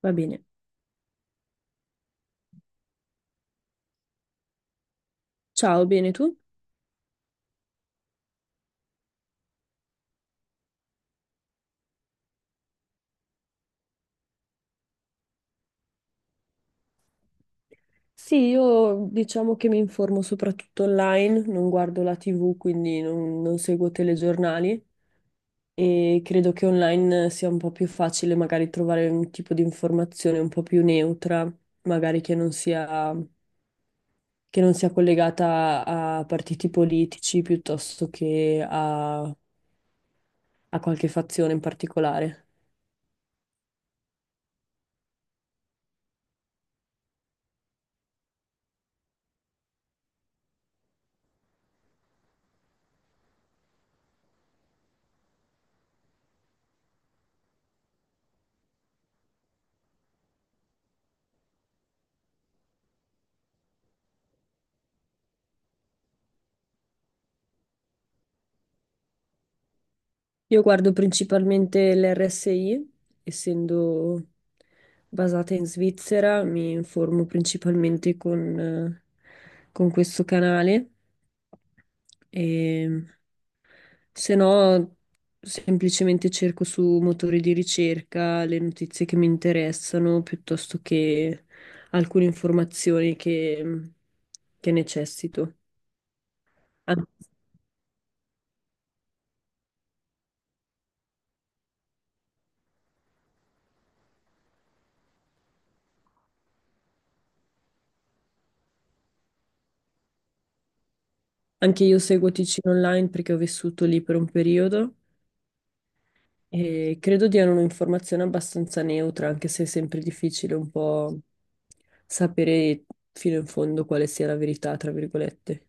Va bene. Ciao, bene tu? Sì, io diciamo che mi informo soprattutto online, non guardo la TV, quindi non seguo telegiornali, e credo che online sia un po' più facile magari trovare un tipo di informazione un po' più neutra, magari che non sia collegata a partiti politici piuttosto che a qualche fazione in particolare. Io guardo principalmente l'RSI, essendo basata in Svizzera, mi informo principalmente con questo canale e se no semplicemente cerco su motori di ricerca le notizie che mi interessano piuttosto che alcune che necessito. An- Anche io seguo Ticino Online perché ho vissuto lì per un periodo e credo diano un'informazione abbastanza neutra, anche se è sempre difficile un po' sapere fino in fondo quale sia la verità, tra virgolette.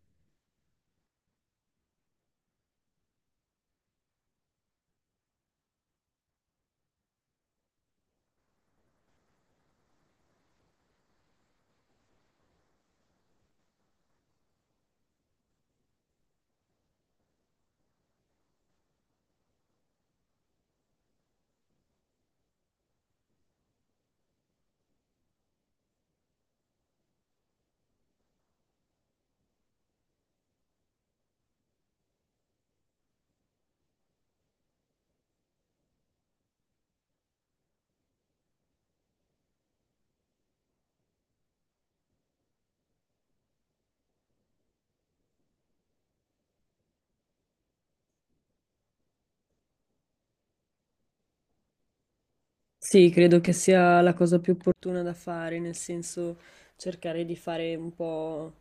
Sì, credo che sia la cosa più opportuna da fare, nel senso cercare di fare un po'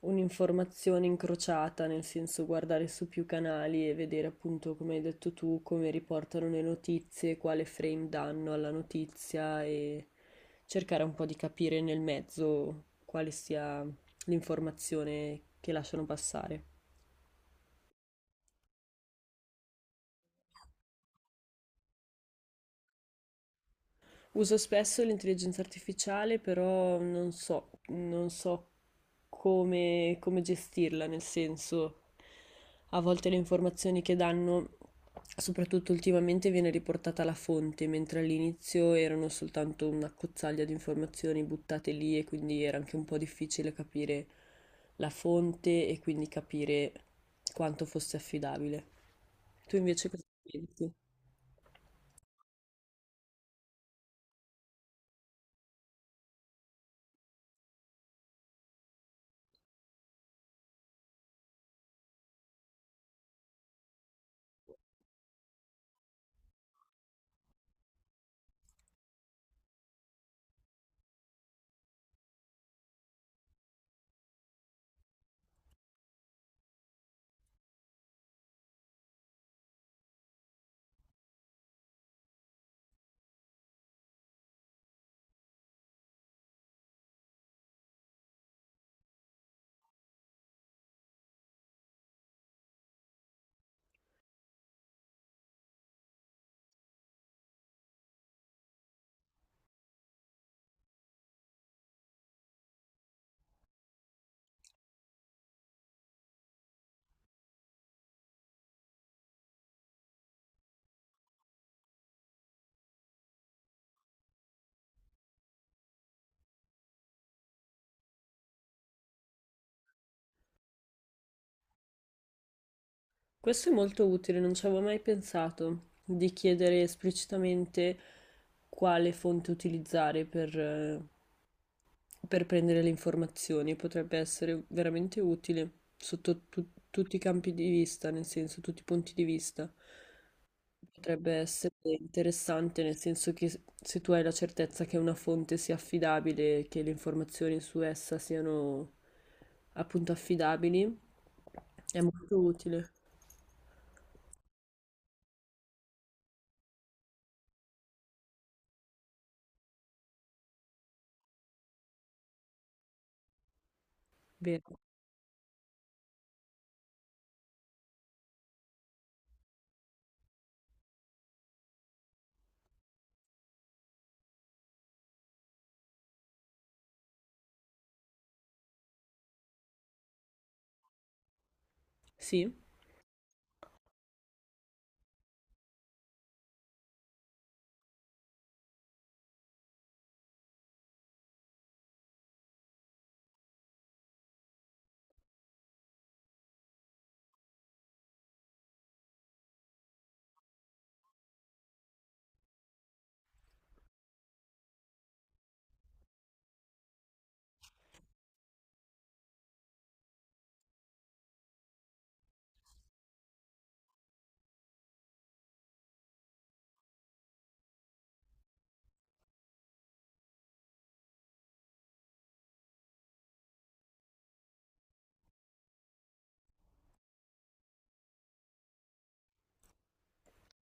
un'informazione incrociata, nel senso guardare su più canali e vedere appunto, come hai detto tu, come riportano le notizie, quale frame danno alla notizia e cercare un po' di capire nel mezzo quale sia l'informazione che lasciano passare. Uso spesso l'intelligenza artificiale, però non so come, come gestirla, nel senso, a volte le informazioni che danno, soprattutto ultimamente, viene riportata la fonte, mentre all'inizio erano soltanto una cozzaglia di informazioni buttate lì, e quindi era anche un po' difficile capire la fonte e quindi capire quanto fosse affidabile. Tu invece cosa pensi? Questo è molto utile, non ci avevo mai pensato di chiedere esplicitamente quale fonte utilizzare per prendere le informazioni. Potrebbe essere veramente utile sotto tutti i campi di vista, nel senso, tutti i punti di vista. Potrebbe essere interessante, nel senso che se tu hai la certezza che una fonte sia affidabile, che le informazioni su essa siano appunto affidabili, è molto utile, vero? Sì.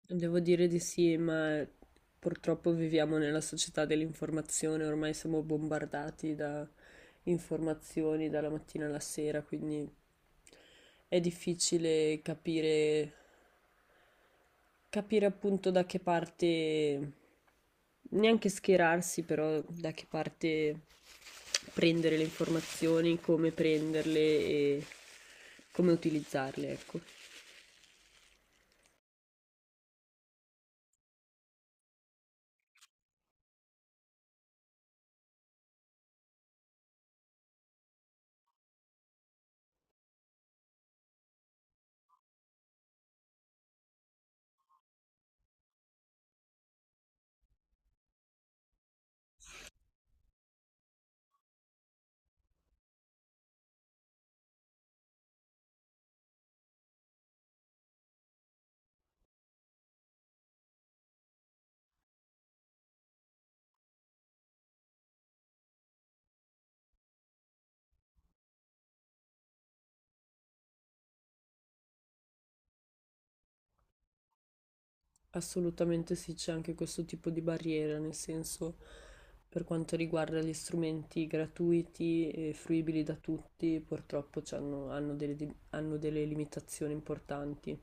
Devo dire di sì, ma purtroppo viviamo nella società dell'informazione, ormai siamo bombardati da informazioni dalla mattina alla sera, quindi è difficile capire, capire appunto da che parte, neanche schierarsi, però da che parte prendere le informazioni, come prenderle e come utilizzarle, ecco. Assolutamente sì, c'è anche questo tipo di barriera, nel senso per quanto riguarda gli strumenti gratuiti e fruibili da tutti, purtroppo hanno hanno delle limitazioni importanti.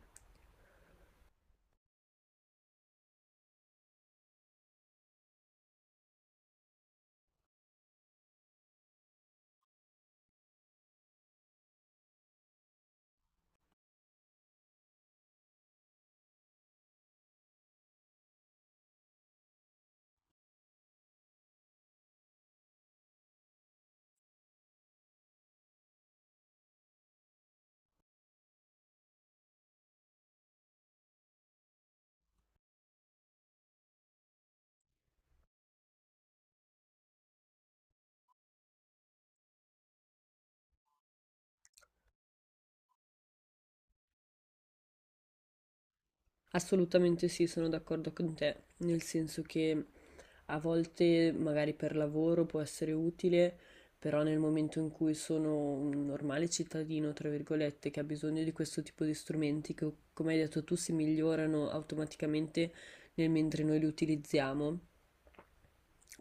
Assolutamente sì, sono d'accordo con te, nel senso che a volte magari per lavoro può essere utile, però nel momento in cui sono un normale cittadino, tra virgolette, che ha bisogno di questo tipo di strumenti che, come hai detto tu, si migliorano automaticamente nel mentre noi li utilizziamo,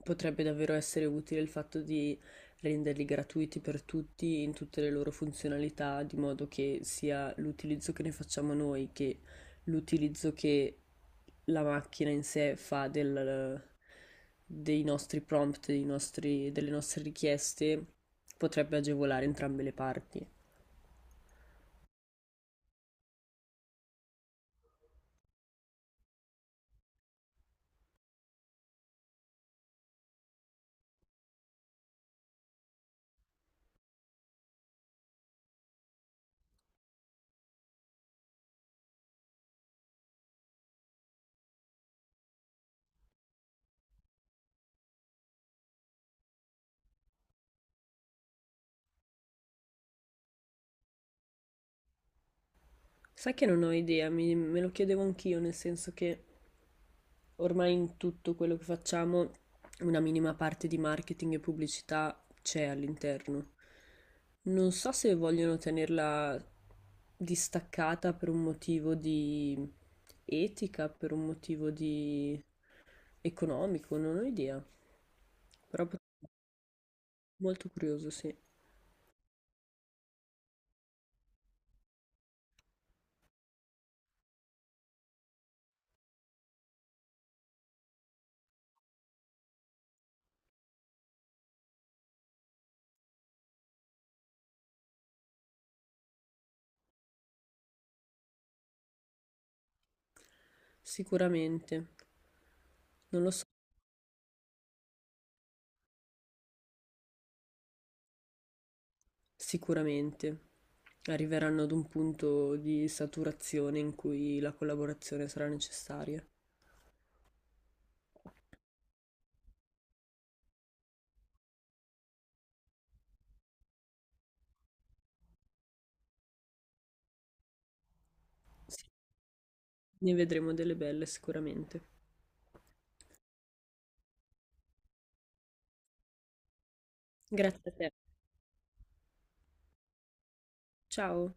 potrebbe davvero essere utile il fatto di renderli gratuiti per tutti in tutte le loro funzionalità, di modo che sia l'utilizzo che ne facciamo noi che l'utilizzo che la macchina in sé fa dei nostri prompt, delle nostre richieste, potrebbe agevolare entrambe le parti. Sai che non ho idea, me lo chiedevo anch'io, nel senso che ormai in tutto quello che facciamo una minima parte di marketing e pubblicità c'è all'interno. Non so se vogliono tenerla distaccata per un motivo di etica, per un motivo di economico, non ho idea. Però molto curioso, sì. Sicuramente, non lo so, sicuramente arriveranno ad un punto di saturazione in cui la collaborazione sarà necessaria. Sì. Ne vedremo delle belle sicuramente. Grazie a te. Ciao.